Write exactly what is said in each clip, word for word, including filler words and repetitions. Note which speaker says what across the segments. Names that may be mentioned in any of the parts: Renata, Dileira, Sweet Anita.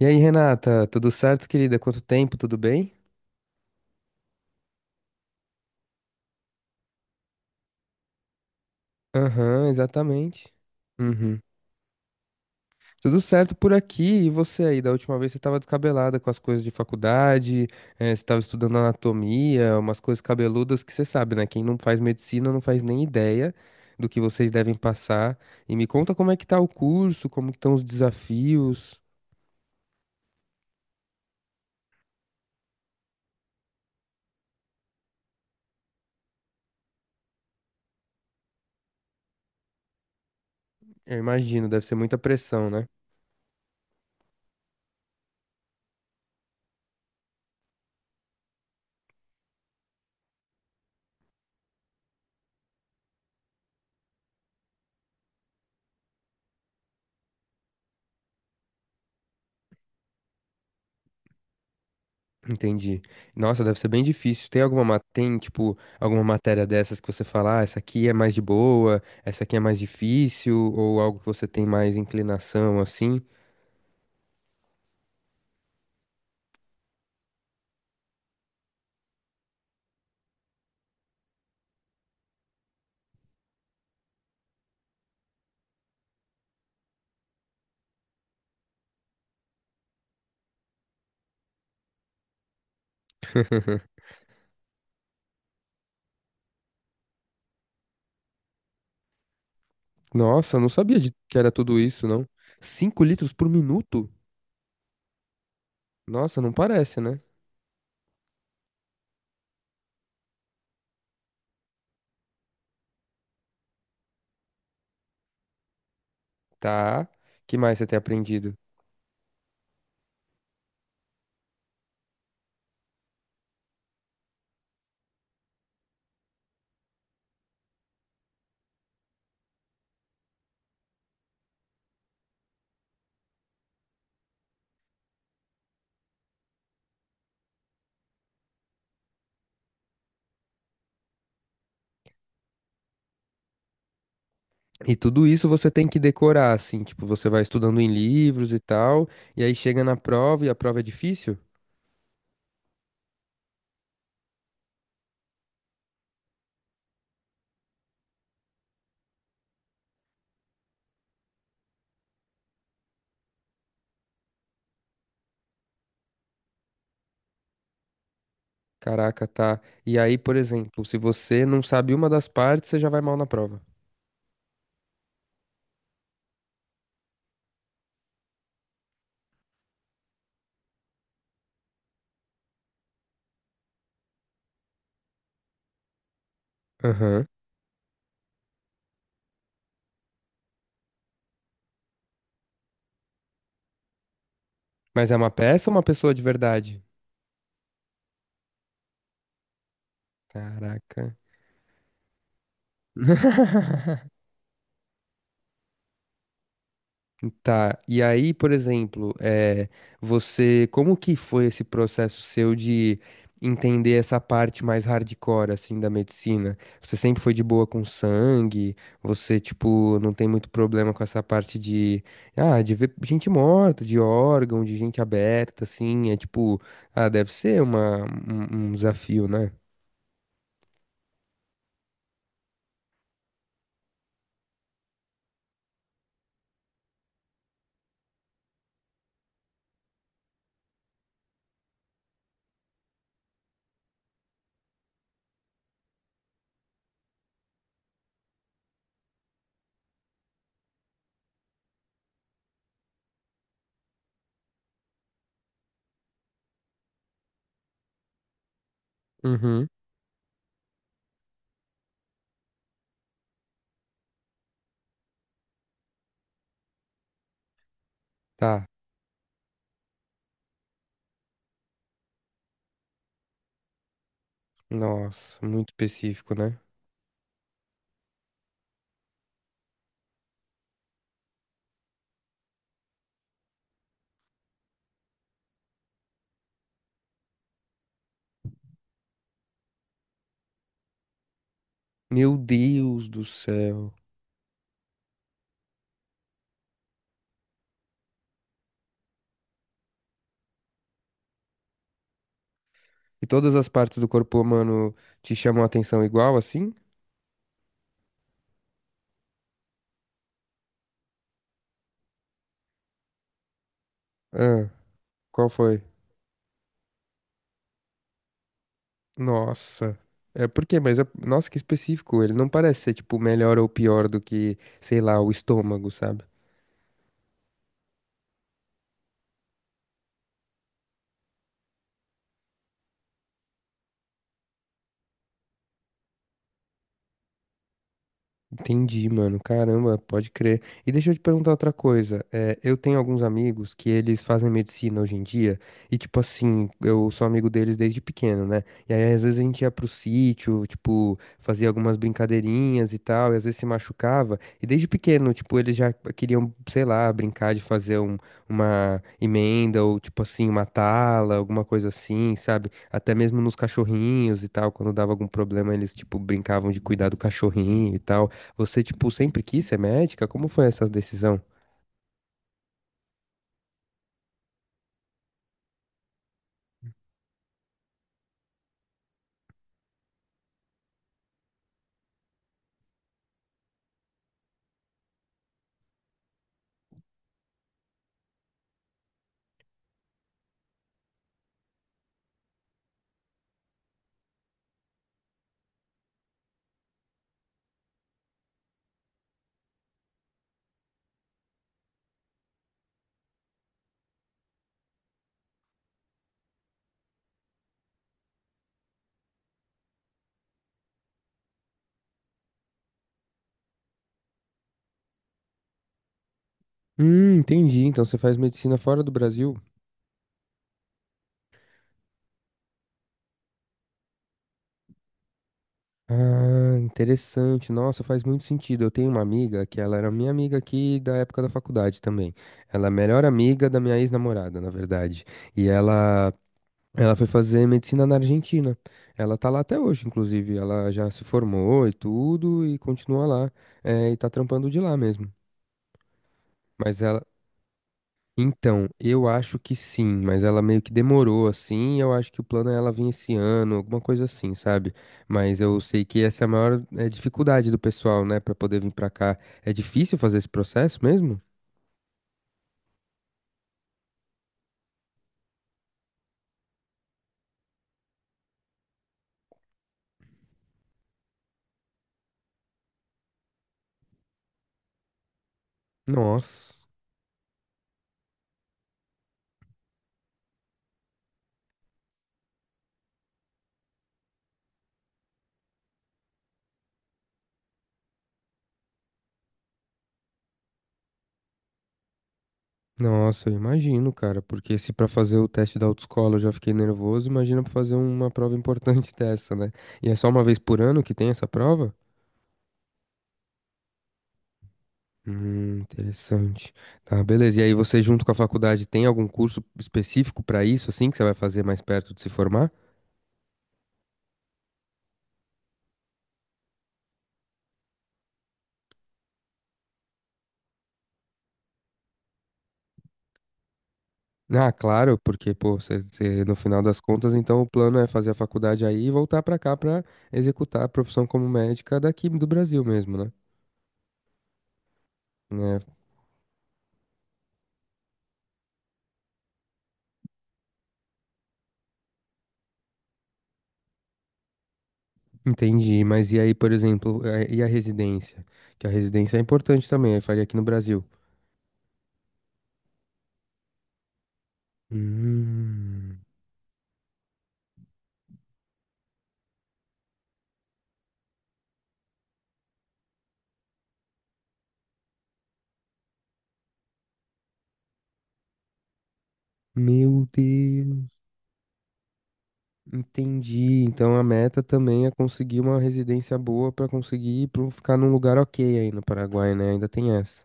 Speaker 1: E aí, Renata, tudo certo, querida? Quanto tempo, tudo bem? Aham, exatamente. Uhum. Tudo certo por aqui. E você aí? Da última vez você estava descabelada com as coisas de faculdade, eh, você estava estudando anatomia, umas coisas cabeludas que você sabe, né? Quem não faz medicina não faz nem ideia do que vocês devem passar. E me conta como é que tá o curso, como que estão os desafios. Eu imagino, deve ser muita pressão, né? Entendi. Nossa, deve ser bem difícil. Tem alguma, ma- tem, tipo, alguma matéria dessas que você fala, ah, essa aqui é mais de boa, essa aqui é mais difícil, ou algo que você tem mais inclinação, assim? Nossa, eu não sabia de- que era tudo isso, não. Cinco litros por minuto? Nossa, não parece, né? Tá. Que mais você tem aprendido? E tudo isso você tem que decorar, assim, tipo, você vai estudando em livros e tal, e aí chega na prova e a prova é difícil? Caraca, tá. E aí, por exemplo, se você não sabe uma das partes, você já vai mal na prova. Aham. Mas é uma peça ou uma pessoa de verdade? Caraca. Tá, e aí, por exemplo, é, você, como que foi esse processo seu de entender essa parte mais hardcore, assim, da medicina? Você sempre foi de boa com sangue? Você, tipo, não tem muito problema com essa parte de, ah, de ver gente morta, de órgão, de gente aberta, assim, é tipo, ah, deve ser uma, um, um desafio, né? Uhum. Tá, nossa, muito específico, né? Meu Deus do céu. E todas as partes do corpo humano te chamam a atenção igual assim? Ah, qual foi? Nossa. É por quê? Mas é- nossa, que específico. Ele não parece ser tipo melhor ou pior do que, sei lá, o estômago, sabe? Entendi, mano. Caramba, pode crer. E deixa eu te perguntar outra coisa. É, eu tenho alguns amigos que eles fazem medicina hoje em dia, e tipo assim, eu sou amigo deles desde pequeno, né? E aí às vezes a gente ia pro sítio, tipo, fazia algumas brincadeirinhas e tal, e às vezes se machucava. E desde pequeno, tipo, eles já queriam, sei lá, brincar de fazer um- uma emenda ou tipo assim, uma tala, alguma coisa assim, sabe? Até mesmo nos cachorrinhos e tal, quando dava algum problema, eles tipo brincavam de cuidar do cachorrinho e tal. Você, tipo, sempre quis ser médica? Como foi essa decisão? Hum, entendi. Então você faz medicina fora do Brasil? Ah, interessante. Nossa, faz muito sentido. Eu tenho uma amiga que ela era minha amiga aqui da época da faculdade também. Ela é a melhor amiga da minha ex-namorada, na verdade. E ela, ela foi fazer medicina na Argentina. Ela tá lá até hoje, inclusive. Ela já se formou e tudo e continua lá. Eh, e tá trampando de lá mesmo. Mas ela, então, eu acho que sim, mas ela meio que demorou assim, e eu acho que o plano é ela vir esse ano, alguma coisa assim, sabe? Mas eu sei que essa é a maior eh, dificuldade do pessoal, né, pra poder vir pra cá. É difícil fazer esse processo mesmo? Nossa, nossa, eu imagino, cara, porque se pra fazer o teste da autoescola eu já fiquei nervoso, imagina pra fazer uma prova importante dessa, né? E é só uma vez por ano que tem essa prova? Hum, interessante. Tá, beleza. E aí você junto com a faculdade tem algum curso específico para isso, assim, que você vai fazer mais perto de se formar? Ah, claro, porque, pô, você, você- no final das contas, então o plano é fazer a faculdade aí e voltar para cá para executar a profissão como médica daqui do Brasil mesmo, né? É, entendi. Mas e aí, por exemplo, é, e a residência? Que a residência é importante também, aí faria aqui no Brasil. Hum, meu Deus. Entendi. Então a meta também é conseguir uma residência boa pra conseguir pra um, ficar num lugar ok aí no Paraguai, né? Ainda tem essa.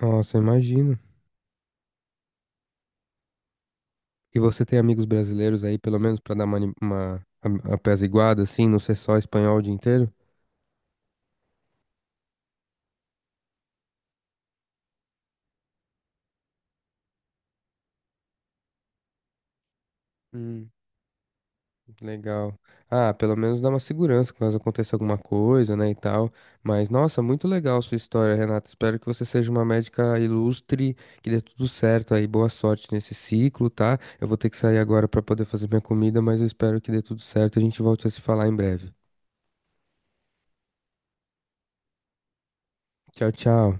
Speaker 1: Nossa, imagino. E você tem amigos brasileiros aí, pelo menos, pra dar uma, ani- uma apesiguada, assim, não ser só espanhol o dia inteiro? Hum. Legal. Ah, pelo menos dá uma segurança caso aconteça alguma coisa, né, e tal. Mas, nossa, muito legal a sua história, Renata. Espero que você seja uma médica ilustre, que dê tudo certo aí. Boa sorte nesse ciclo, tá? Eu vou ter que sair agora para poder fazer minha comida, mas eu espero que dê tudo certo. A gente volte a se falar em breve. Tchau, tchau.